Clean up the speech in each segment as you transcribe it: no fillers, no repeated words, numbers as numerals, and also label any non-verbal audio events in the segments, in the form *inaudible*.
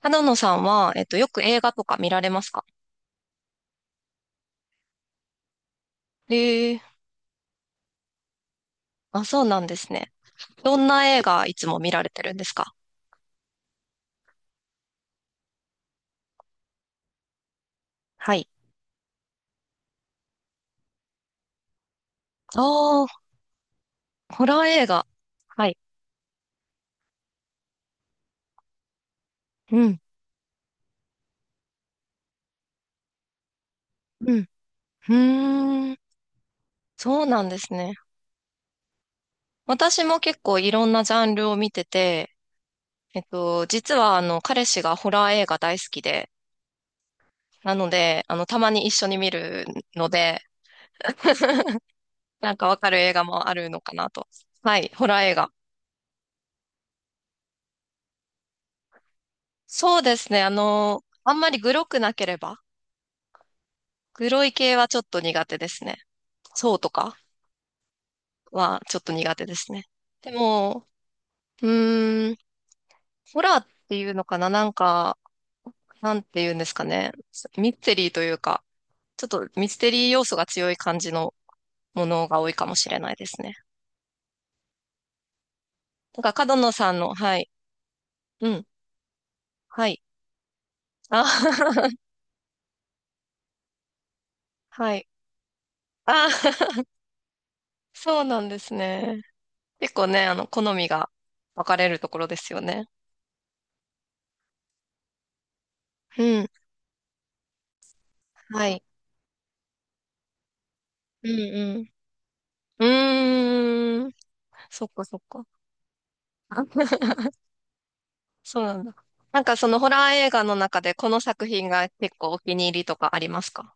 花野さんは、よく映画とか見られますか？ええ。あ、そうなんですね。どんな映画いつも見られてるんですか？はい。ああ、ホラー映画。はい。うん。うん。うーん。そうなんですね。私も結構いろんなジャンルを見てて、実は、彼氏がホラー映画大好きで、なので、たまに一緒に見るので、なんかわかる映画もあるのかなと。はい、ホラー映画。そうですね。あんまりグロくなければ、黒い系はちょっと苦手ですね。そうとかはちょっと苦手ですね。でも、うーん、ホラーっていうのかな、なんか、なんていうんですかね。ミステリーというか、ちょっとミステリー要素が強い感じのものが多いかもしれないですね。なんか、角野さんの、はい。うん。はい。あ、*laughs* はい。あ、*laughs* そうなんですね。結構ね、好みが分かれるところですよね。うん。はい。うんうん。うーん。そっかそっか。*laughs* そうなんだ。なんかそのホラー映画の中でこの作品が結構お気に入りとかありますか？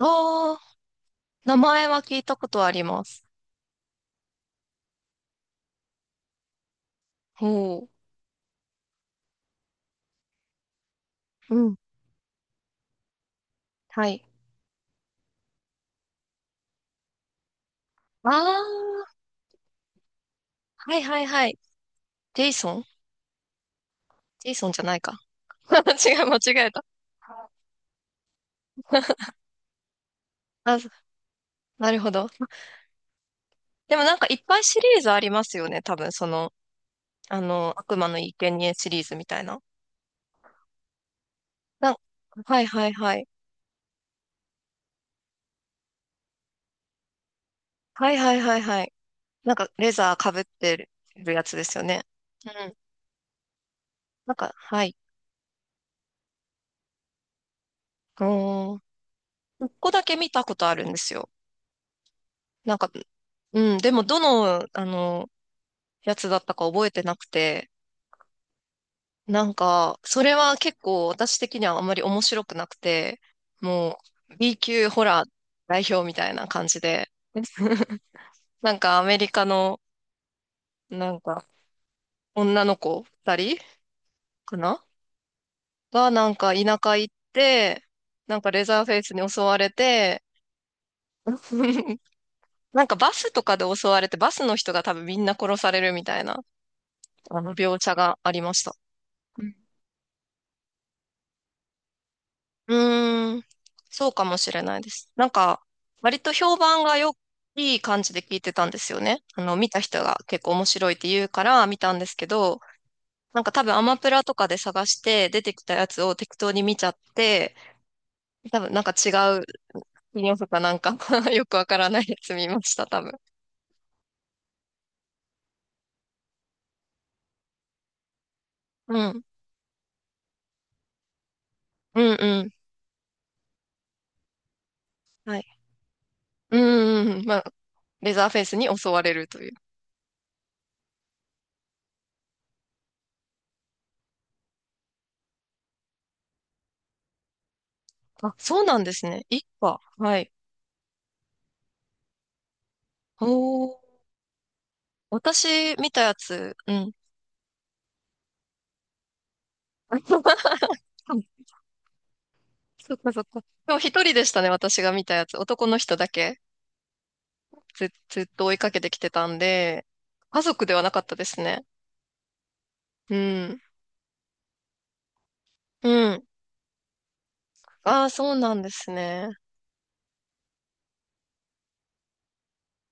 ああー、名前は聞いたことあります。ほう。うん。はい。ああ、はいはいはい。ジェイソン。ジェイソンじゃないか。*laughs* 違う、間違えた。*laughs* あ、なるほど。でもなんかいっぱいシリーズありますよね。多分その、悪魔の生贄シリーズみたいな。なん、はいはいはい。はいはいはいはい。なんかレザーかぶってるやつですよね。うん。なんか、はい。うーん。一個だけ見たことあるんですよ。なんか、うん。でも、どの、やつだったか覚えてなくて、なんか、それは結構私的にはあんまり面白くなくて、もう、B 級ホラー代表みたいな感じで、*laughs* なんかアメリカの、なんか、女の子二人かなが、なんか田舎行って、なんかレザーフェイスに襲われて、*laughs* なんかバスとかで襲われて、バスの人が多分みんな殺されるみたいな、描写がありました。うん。うーん、そうかもしれないです。なんか、割と評判がよ、いい感じで聞いてたんですよね。見た人が結構面白いって言うから見たんですけど、なんか多分アマプラとかで探して出てきたやつを適当に見ちゃって、多分なんか違う、金曜日かなんか *laughs* よくわからないやつ見ました、多分。うん。うんうん。はい。うんうんうん。まあ、レザーフェイスに襲われるという。あ、そうなんですね。一話。はい。おー。私見たやつ、うん。*laughs* そっかそっか。でも一人でしたね、私が見たやつ。男の人だけず、ずっと追いかけてきてたんで、家族ではなかったですね。うん。うん。ああ、そうなんですね。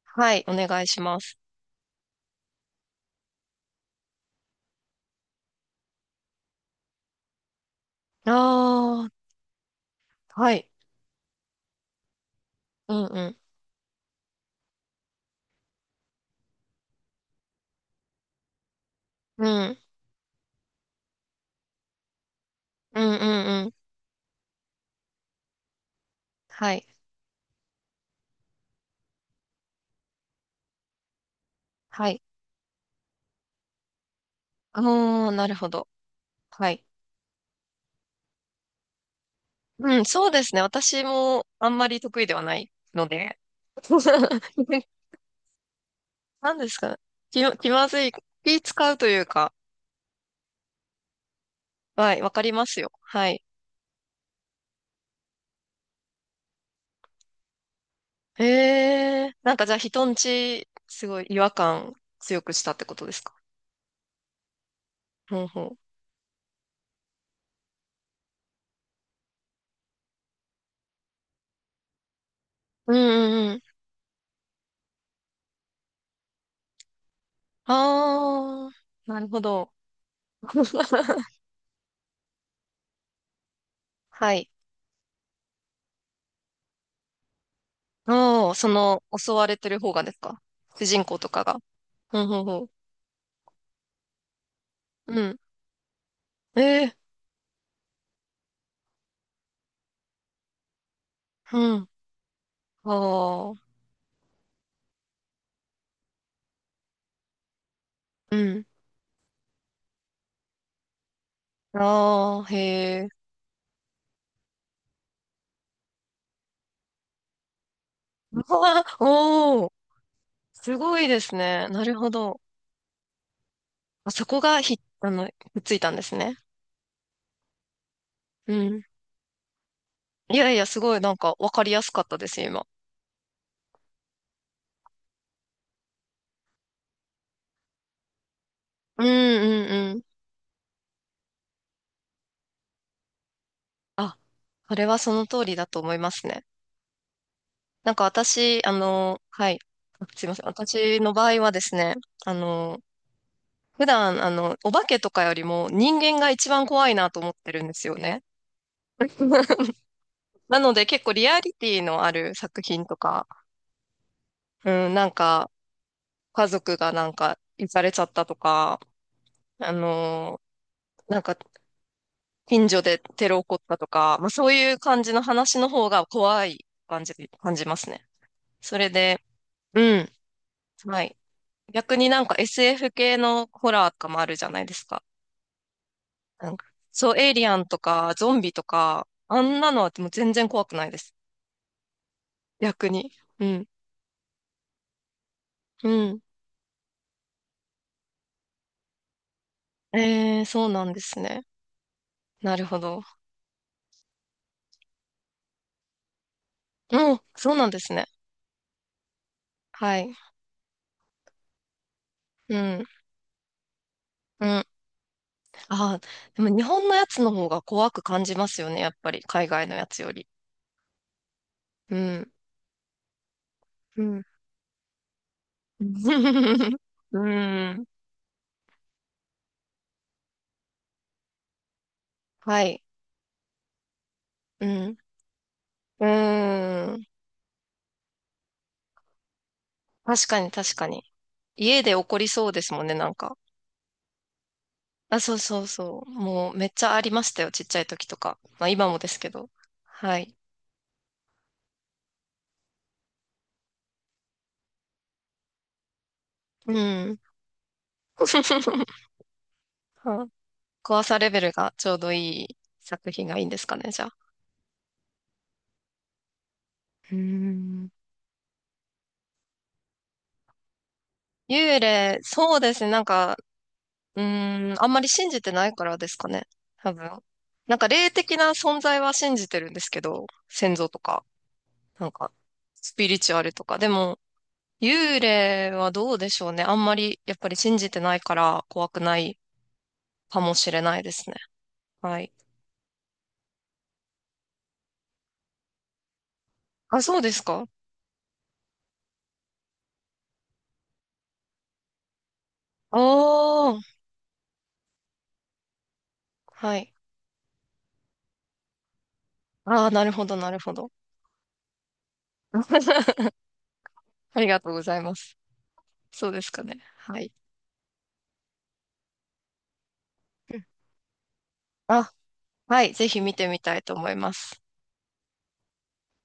はい、お願いします。ああ、はい。うんうん。うん。うんうんうん。はい。はい。ああ、なるほど。はい。うん、そうですね。私もあんまり得意ではないので。*laughs* 何ですか？気ま、気まずい。気使うというか。はい、わかりますよ。はい。へえ、なんかじゃあ人んち、すごい違和感強くしたってことですか？ほうほう。うんうんうん。ああ、なるほど。*laughs* はい。おー、その、襲われてる方がですか？主人公とかが。うん、ほうほう。うん。ええ、うん。ああ、うん。ああ、へえ。*laughs* うわおお、すごいですね。なるほど。あ、そこがひ、ひっついたんですね。うん。いやいや、すごい、なんか、わかりやすかったです今。うんうんうん。あ、それはその通りだと思いますね。なんか私、はい。あ、すいません。私の場合はですね、あの、普段、お化けとかよりも人間が一番怖いなと思ってるんですよね。*laughs* なので結構リアリティのある作品とか、うん、なんか、家族がなんか、行かれちゃったとか、あのーなんか、近所でテロ起こったとか、まあそういう感じの話の方が怖い感じ、感じますね。それで、うん、はい。逆になんか SF 系のホラーとかもあるじゃないですか。なんかそう、エイリアンとか、ゾンビとか、あんなのはもう全然怖くないです。逆に。うん。うん。えー、そうなんですね。なるほど。うん、そうなんですね。はい。うん。うん。ああ、でも日本のやつの方が怖く感じますよね、やっぱり、海外のやつより。うん。うん。*laughs* うん。はい。うん。うーん。確かに、確かに。家で起こりそうですもんね、なんか。あ、そうそうそう。もうめっちゃありましたよ、ちっちゃい時とか。まあ今もですけど。はい。うん。*laughs* あ、怖さレベルがちょうどいい作品がいいんですかね、じゃあ。うーん。幽霊、そうですね。なんか、うーん、あんまり信じてないからですかね。多分。なんか霊的な存在は信じてるんですけど、先祖とか、なんか、スピリチュアルとか。でも、幽霊はどうでしょうね。あんまり、やっぱり信じてないから怖くないかもしれないですね。はい。あ、そうですか？おー。はい。ああ、なるほど、なるほど。*laughs* ありがとうございます。そうですかね。はい。うん、あ、はい。ぜひ見てみたいと思います。